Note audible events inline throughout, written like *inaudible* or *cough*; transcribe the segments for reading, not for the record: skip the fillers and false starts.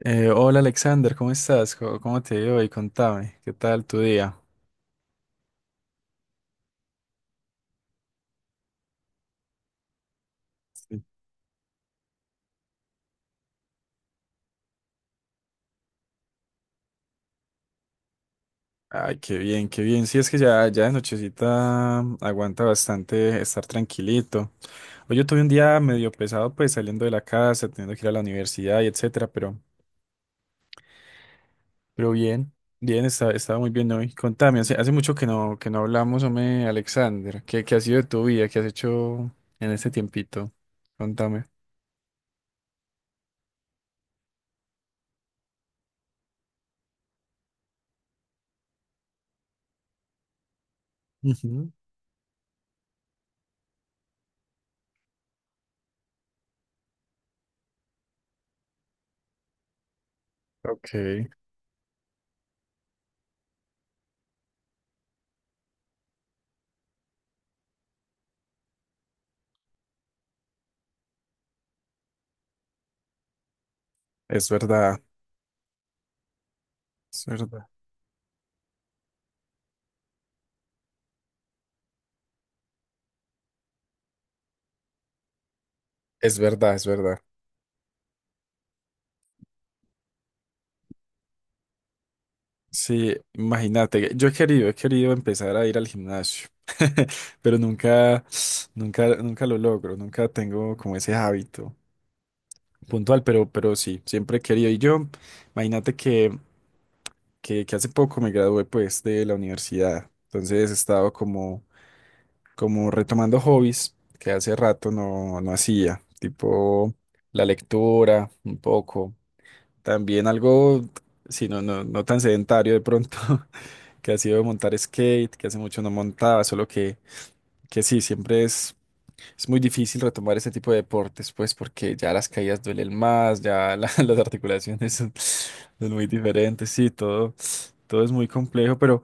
Hola Alexander, ¿cómo estás? ¿Cómo te ha ido hoy? Contame, ¿qué tal tu día? Sí. Ay, qué bien, qué bien. Sí, es que ya de nochecita aguanta bastante estar tranquilito. Hoy yo tuve un día medio pesado, pues saliendo de la casa, teniendo que ir a la universidad y etcétera, pero bien, bien, estaba muy bien hoy. Contame, hace mucho que no hablamos, hombre, Alexander. ¿Qué ha sido de tu vida? ¿Qué has hecho en este tiempito? Contame. Ujú. Ok, es verdad, es verdad. Es verdad, es verdad. Sí, imagínate, he querido empezar a ir al gimnasio, *laughs* pero nunca, nunca, nunca lo logro, nunca tengo como ese hábito puntual, pero sí, siempre he querido. Y yo, imagínate que, que hace poco me gradué pues de la universidad, entonces he estado como, como retomando hobbies que hace rato no hacía, tipo la lectura, un poco, también algo, si no tan sedentario de pronto. *laughs* Que ha sido montar skate, que hace mucho no montaba, solo que sí, siempre es muy difícil retomar ese tipo de deportes, pues porque ya las caídas duelen más, *laughs* las articulaciones son, son muy diferentes, sí, todo, todo es muy complejo, pero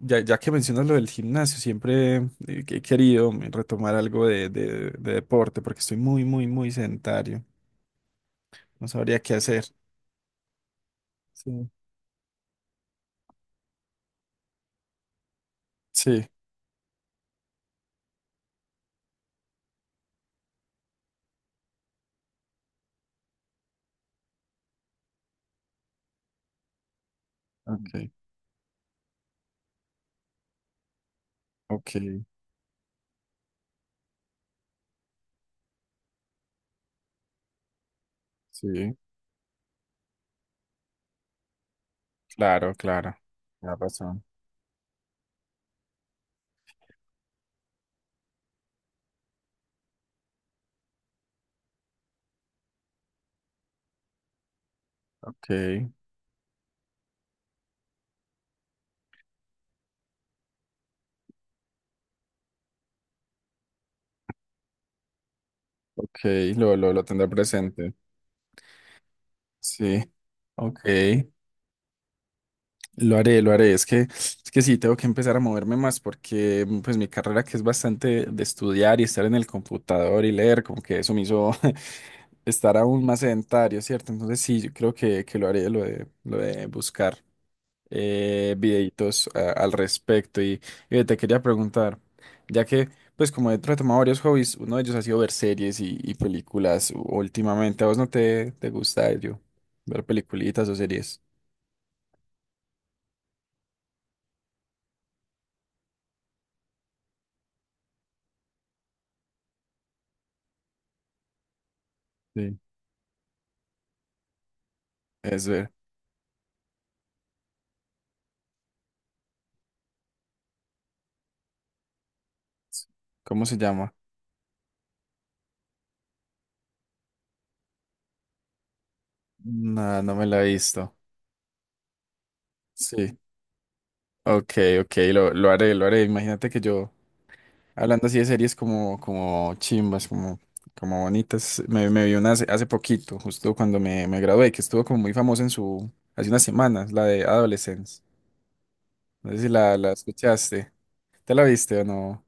ya, ya que mencionas lo del gimnasio, siempre que he querido retomar algo de deporte, porque estoy muy, muy, muy sedentario, no sabría qué hacer. Sí. Sí, ok, ok, sí, claro, claro, tienes razón, ok. Ok, lo tendré presente. Sí, ok, lo haré, lo haré. Es que sí, tengo que empezar a moverme más porque pues mi carrera que es bastante de estudiar y estar en el computador y leer, como que eso me hizo *laughs* estar aún más sedentario, ¿cierto? Entonces sí, yo creo que lo haré, lo lo de buscar. Videitos al respecto. Y te quería preguntar, ya que, pues como he retomado varios hobbies, uno de ellos ha sido ver series y películas últimamente. ¿A vos no te, te gusta ello? Ver peliculitas o series. Sí. Es ver. ¿Cómo se llama? No, no me la he visto. Sí. Ok, ok, lo haré, lo haré. Imagínate que yo. Hablando así de series como, como chimbas, como, como bonitas, me vi una hace poquito, justo cuando me gradué, que estuvo como muy famosa en su, hace unas semanas, la de Adolescence. No sé si la escuchaste. ¿Te la viste o no?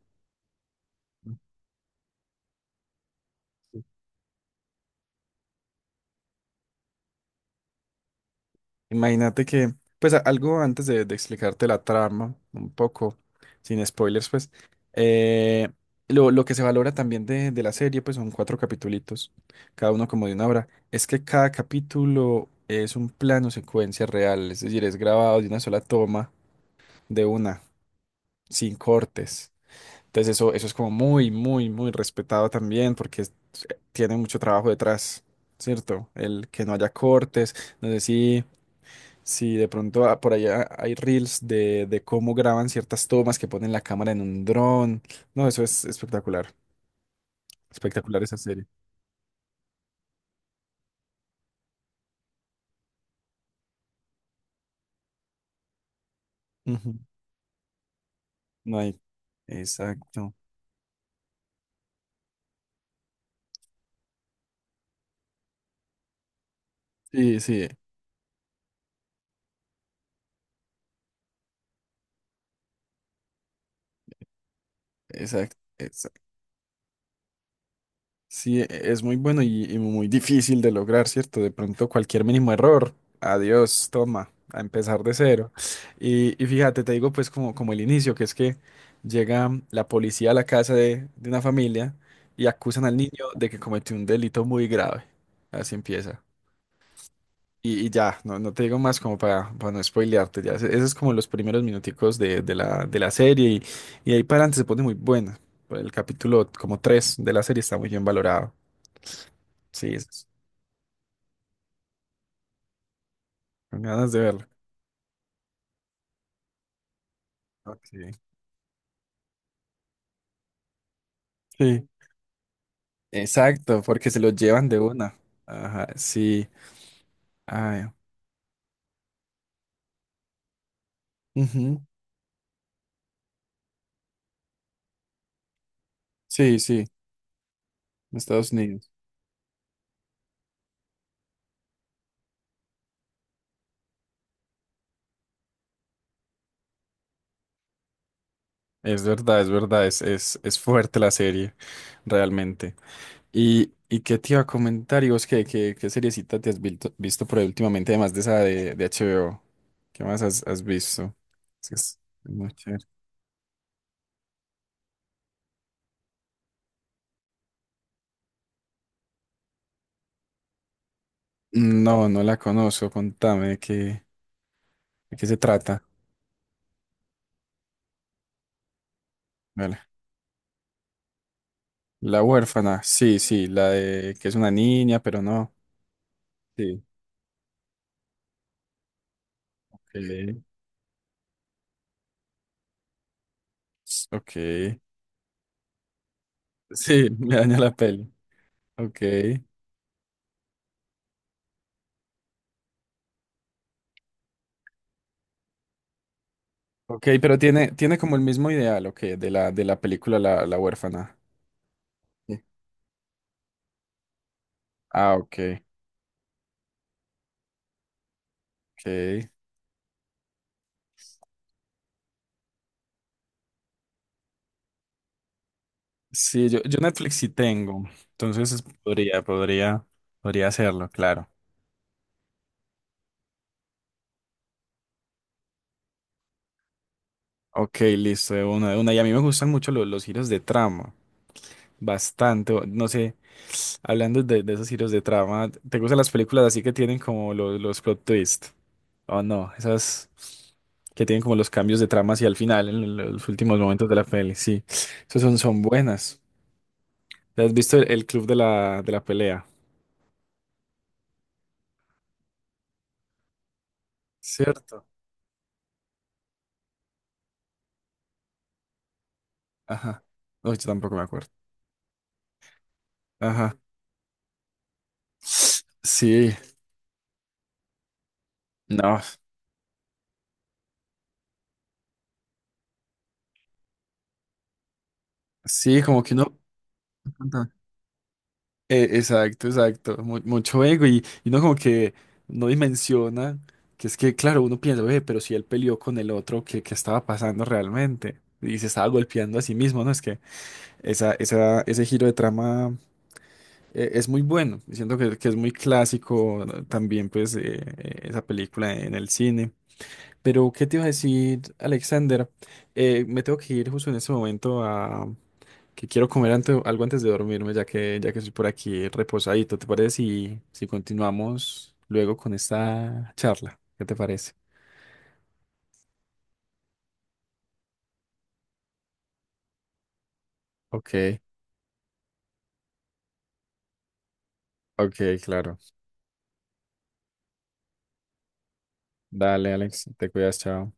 Imagínate que, pues algo antes de explicarte la trama, un poco, sin spoilers, pues, eh, lo que se valora también de la serie, pues son cuatro capitulitos, cada uno como de una hora, es que cada capítulo es un plano secuencia real, es decir, es grabado de una sola toma, de una, sin cortes. Entonces eso es como muy, muy, muy respetado también porque tiene mucho trabajo detrás, ¿cierto? El que no haya cortes, no sé si... Si de pronto por allá hay reels de cómo graban ciertas tomas que ponen la cámara en un dron. No, eso es espectacular. Espectacular esa serie. Ujú. No hay. Exacto. Sí, sí, exacto. Sí, es muy bueno y muy difícil de lograr, ¿cierto? De pronto cualquier mínimo error, adiós, toma, a empezar de cero. Y fíjate, te digo pues como, como el inicio, que es que llega la policía a la casa de una familia y acusan al niño de que cometió un delito muy grave. Así empieza. Y ya, no, no te digo más como para no spoilearte, ya. Esos es como los primeros minuticos de la serie y ahí para adelante se pone muy buena. Pues, el capítulo como 3 de la serie está muy bien valorado. Sí, con ganas de verlo. Ok. Sí, exacto, porque se lo llevan de una. Ajá, sí. Ay, ujú. Sí, sí, en Estados Unidos. Es verdad, es verdad, es fuerte la serie, realmente. Y qué te iba a comentar? ¿Y vos qué, qué, qué seriecita te has visto, por ahí últimamente, además de esa de HBO? ¿Qué más has, has visto? Es que es muy chévere. No, no la conozco, contame de qué se trata. Vale, La huérfana, sí, sí, la de que es una niña, pero no. Sí. eh, Ok. Sí, *laughs* me daña la peli. Ok. Ok, pero tiene, tiene como el mismo ideal, ok, de la película La, La huérfana. Sí. Ah, ok. Ok. Sí, yo Netflix sí tengo. Entonces podría, podría, podría hacerlo, claro. Ok, listo, de una, de una. Y a mí me gustan mucho los giros de trama. Bastante. No sé. Hablando de esos giros de trama, ¿te gustan las películas así que tienen como los plot twist? O no, esas que tienen como los cambios de trama hacia el final, en los últimos momentos de la peli, sí. Esas son, son buenas. ¿Te has visto el club de la pelea? Cierto. Ajá. No, yo tampoco me acuerdo. Ajá. Sí, no. Sí, como que uno... exacto, exacto. Mucho ego y uno como que no dimensiona que es que, claro, uno piensa, "Ve, pero si él peleó con el otro, ¿qué, qué estaba pasando realmente? Y se estaba golpeando a sí mismo, ¿no?". Es que esa, ese giro de trama es muy bueno. Y siento que es muy clásico, ¿no? También, pues, esa película en el cine. Pero, ¿qué te iba a decir, Alexander? Me tengo que ir justo en este momento que quiero comer algo antes de dormirme, ya que estoy por aquí reposadito. ¿Te parece si, si continuamos luego con esta charla? ¿Qué te parece? Ok, ok, claro. Dale, Alex, te cuidas, chao.